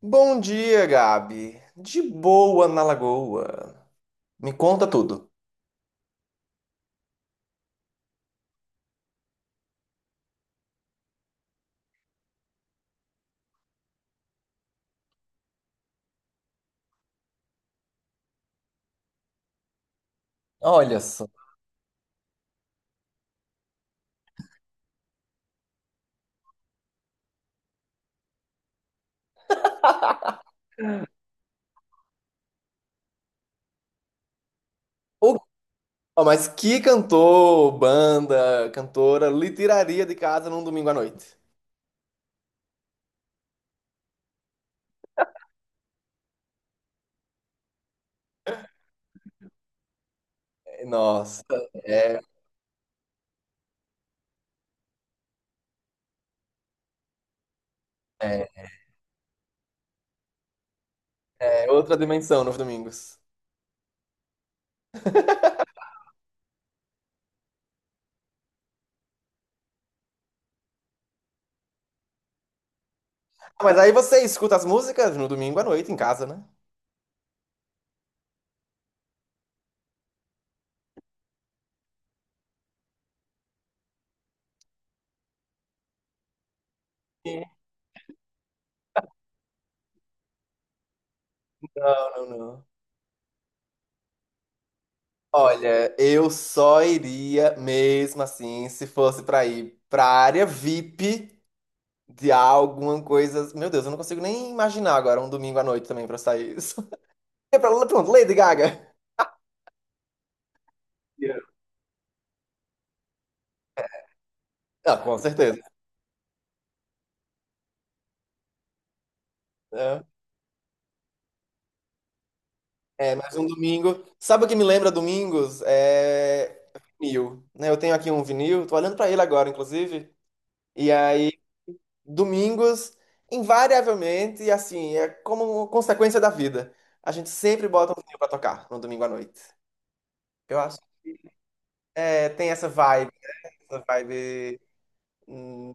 Bom dia, Gabi. De boa na Lagoa. Me conta tudo. Olha só. Ô, ó, mas que cantor, banda, cantora lhe tiraria de casa num domingo à noite? É, nossa, é, é, é outra dimensão nos domingos. Ah, mas aí você escuta as músicas no domingo à noite em casa, né? Sim. Não, não, não. Olha, eu só iria mesmo assim se fosse pra ir pra área VIP de alguma coisa. Meu Deus, eu não consigo nem imaginar agora um domingo à noite também pra sair isso. É pra, lá, pronto, Lady Gaga. Yeah. Ah, com certeza, né? É, mas um domingo. Sabe o que me lembra domingos? É vinil, né? Eu tenho aqui um vinil, tô olhando pra ele agora, inclusive. E aí, domingos, invariavelmente, assim, é como consequência da vida. A gente sempre bota um vinil pra tocar no domingo à noite. Eu acho. É, tem essa vibe, essa vibe. Hum,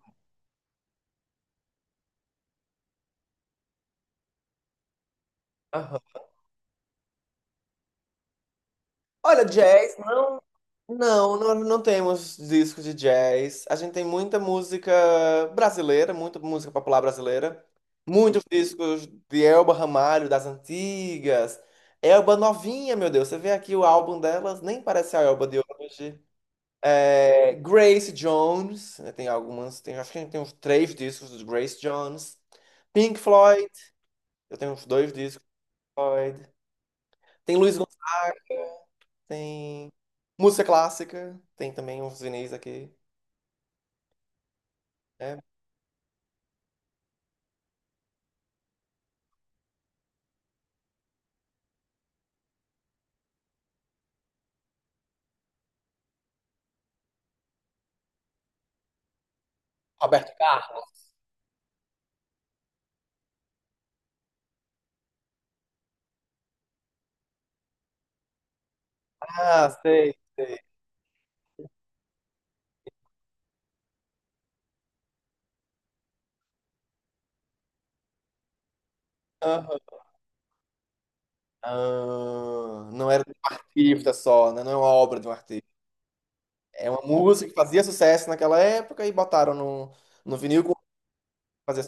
aham. Olha, jazz, não. Não, nós não temos discos de jazz. A gente tem muita música brasileira, muita música popular brasileira. Muitos discos de Elba Ramalho, das antigas. Elba novinha, meu Deus. Você vê aqui o álbum delas, nem parece a Elba de hoje. É, Grace Jones, né, tem algumas, tem, acho que a gente tem uns três discos de Grace Jones. Pink Floyd, eu tenho uns dois discos de Floyd. Tem Luiz Gonzaga, tem música clássica, tem também uns vinis aqui, né? Roberto Carlos. Ah, sei. Aham. Ah, não era de um artista só, né? Não é uma obra de um artista. É uma música que fazia sucesso naquela época e botaram no vinil com fazia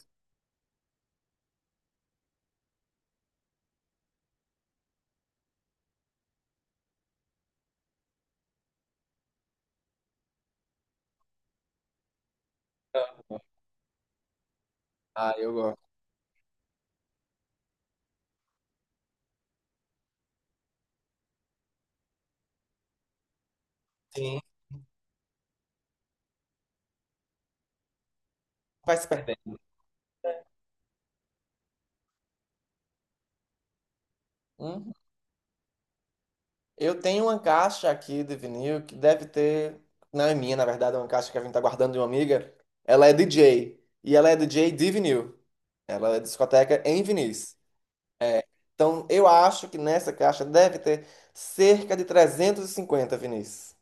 sucesso. Ah, eu gosto. Sim, vai se perder. Uhum. Eu tenho uma caixa aqui de vinil que deve ter. Não é minha, na verdade, é uma caixa que a gente tá guardando de uma amiga. Ela é DJ. E ela é DJ de vinil. Ela é discoteca em vinis. É, então, eu acho que nessa caixa deve ter cerca de 350, Vinícius.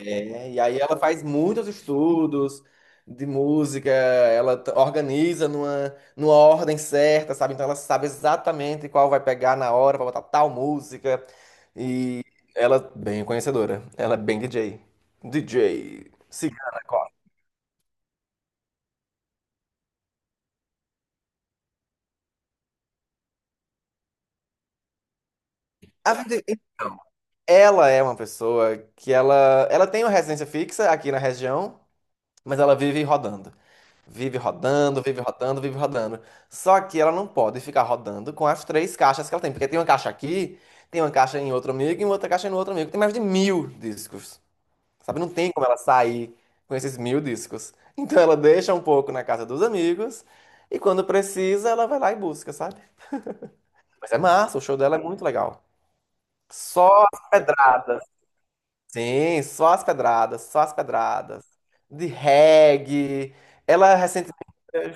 É, e aí ela faz muitos estudos de música, organiza numa ordem certa, sabe? Então ela sabe exatamente qual vai pegar na hora para botar tal música. E ela é bem conhecedora, ela é bem DJ. DJ. Sim. A vida- Ela é uma pessoa que ela tem uma residência fixa aqui na região, mas ela vive rodando. Vive rodando, vive rodando, vive rodando. Só que ela não pode ficar rodando com as três caixas que ela tem, porque tem uma caixa aqui, tem uma caixa em outro amigo e outra caixa em outro amigo. Tem mais de 1000 discos, sabe? Não tem como ela sair com esses 1000 discos. Então ela deixa um pouco na casa dos amigos e quando precisa ela vai lá e busca, sabe? Mas é massa, o show dela é muito legal. Só as pedradas. Sim, só as pedradas, só as pedradas. De reggae. Ela recentemente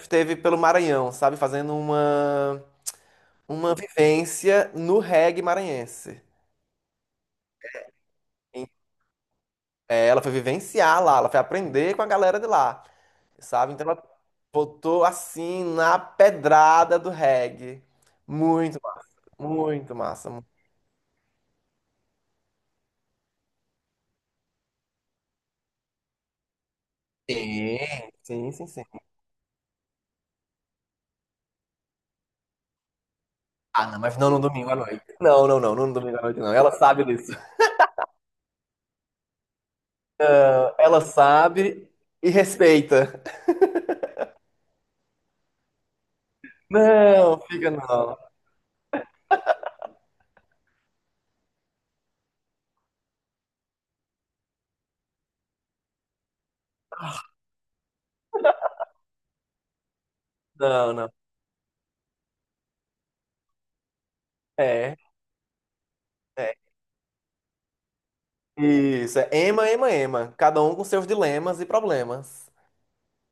esteve pelo Maranhão, sabe? Fazendo uma, vivência no reggae maranhense. E, ela foi vivenciar lá, ela foi aprender com a galera de lá, sabe? Então ela botou assim na pedrada do reggae. Muito massa, muito massa. Sim, sim, sim, sim. Ah, não, mas não no domingo à noite. Não, não, não, não no domingo à noite, não. Ela sabe disso. Ela sabe e respeita. Não, fica não. Não, não. É, é. Isso, é Ema, Ema, Ema. Cada um com seus dilemas e problemas.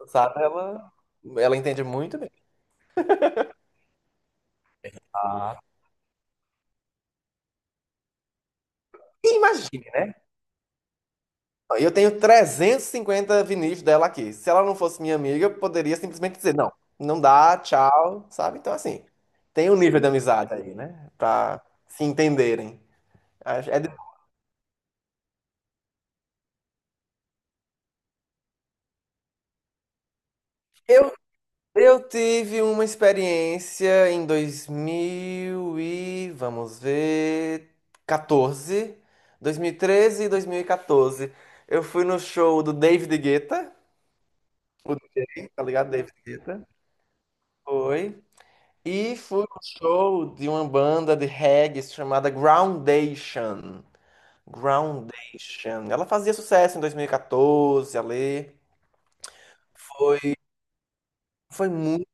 Sabe? Ela entende muito bem. Ah. E imagina, eu tenho 350 vinis dela aqui. Se ela não fosse minha amiga, eu poderia simplesmente dizer, não, não dá, tchau, sabe? Então, assim, tem um nível de amizade aí, né? Pra se entenderem. É de- Eu Eu tive uma experiência em 2000 e vamos ver 14, 2013 e 2014. Eu fui no show do David Guetta, o tá ligado? David Guetta. Foi. E fui no show de uma banda de reggae chamada Groundation. Groundation. Ela fazia sucesso em 2014 ali. Foi, foi muito.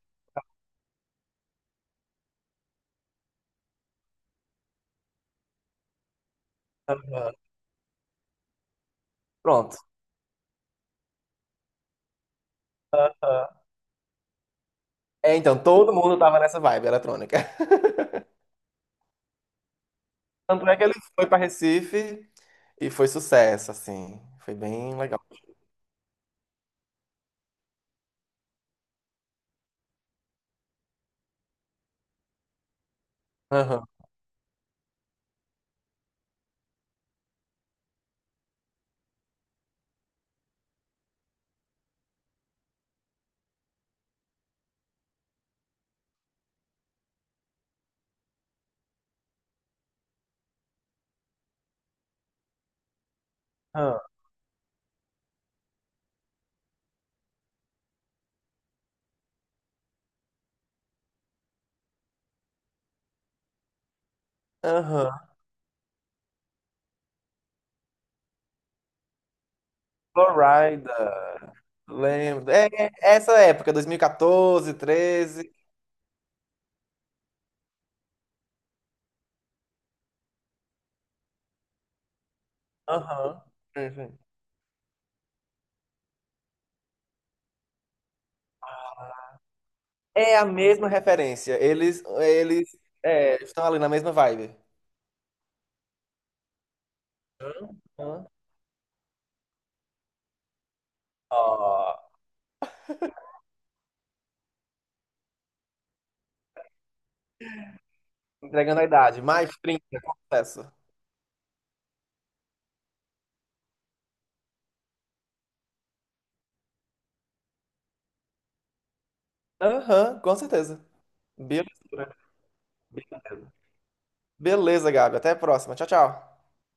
Pronto. É, então todo mundo tava nessa vibe eletrônica. Tanto é que ele foi pra Recife e foi sucesso, assim. Foi bem legal. Aham, aham, aham. Florida, lembro. É, é essa época, 2014, 13. Aham. Uhum. É a mesma referência. Eles estão ali na mesma vibe. Aham. Ó, entregando a idade. Mais 30, sucesso. Aham, com certeza. Beleza, né? Beleza, Gabi. Até a próxima. Tchau, tchau.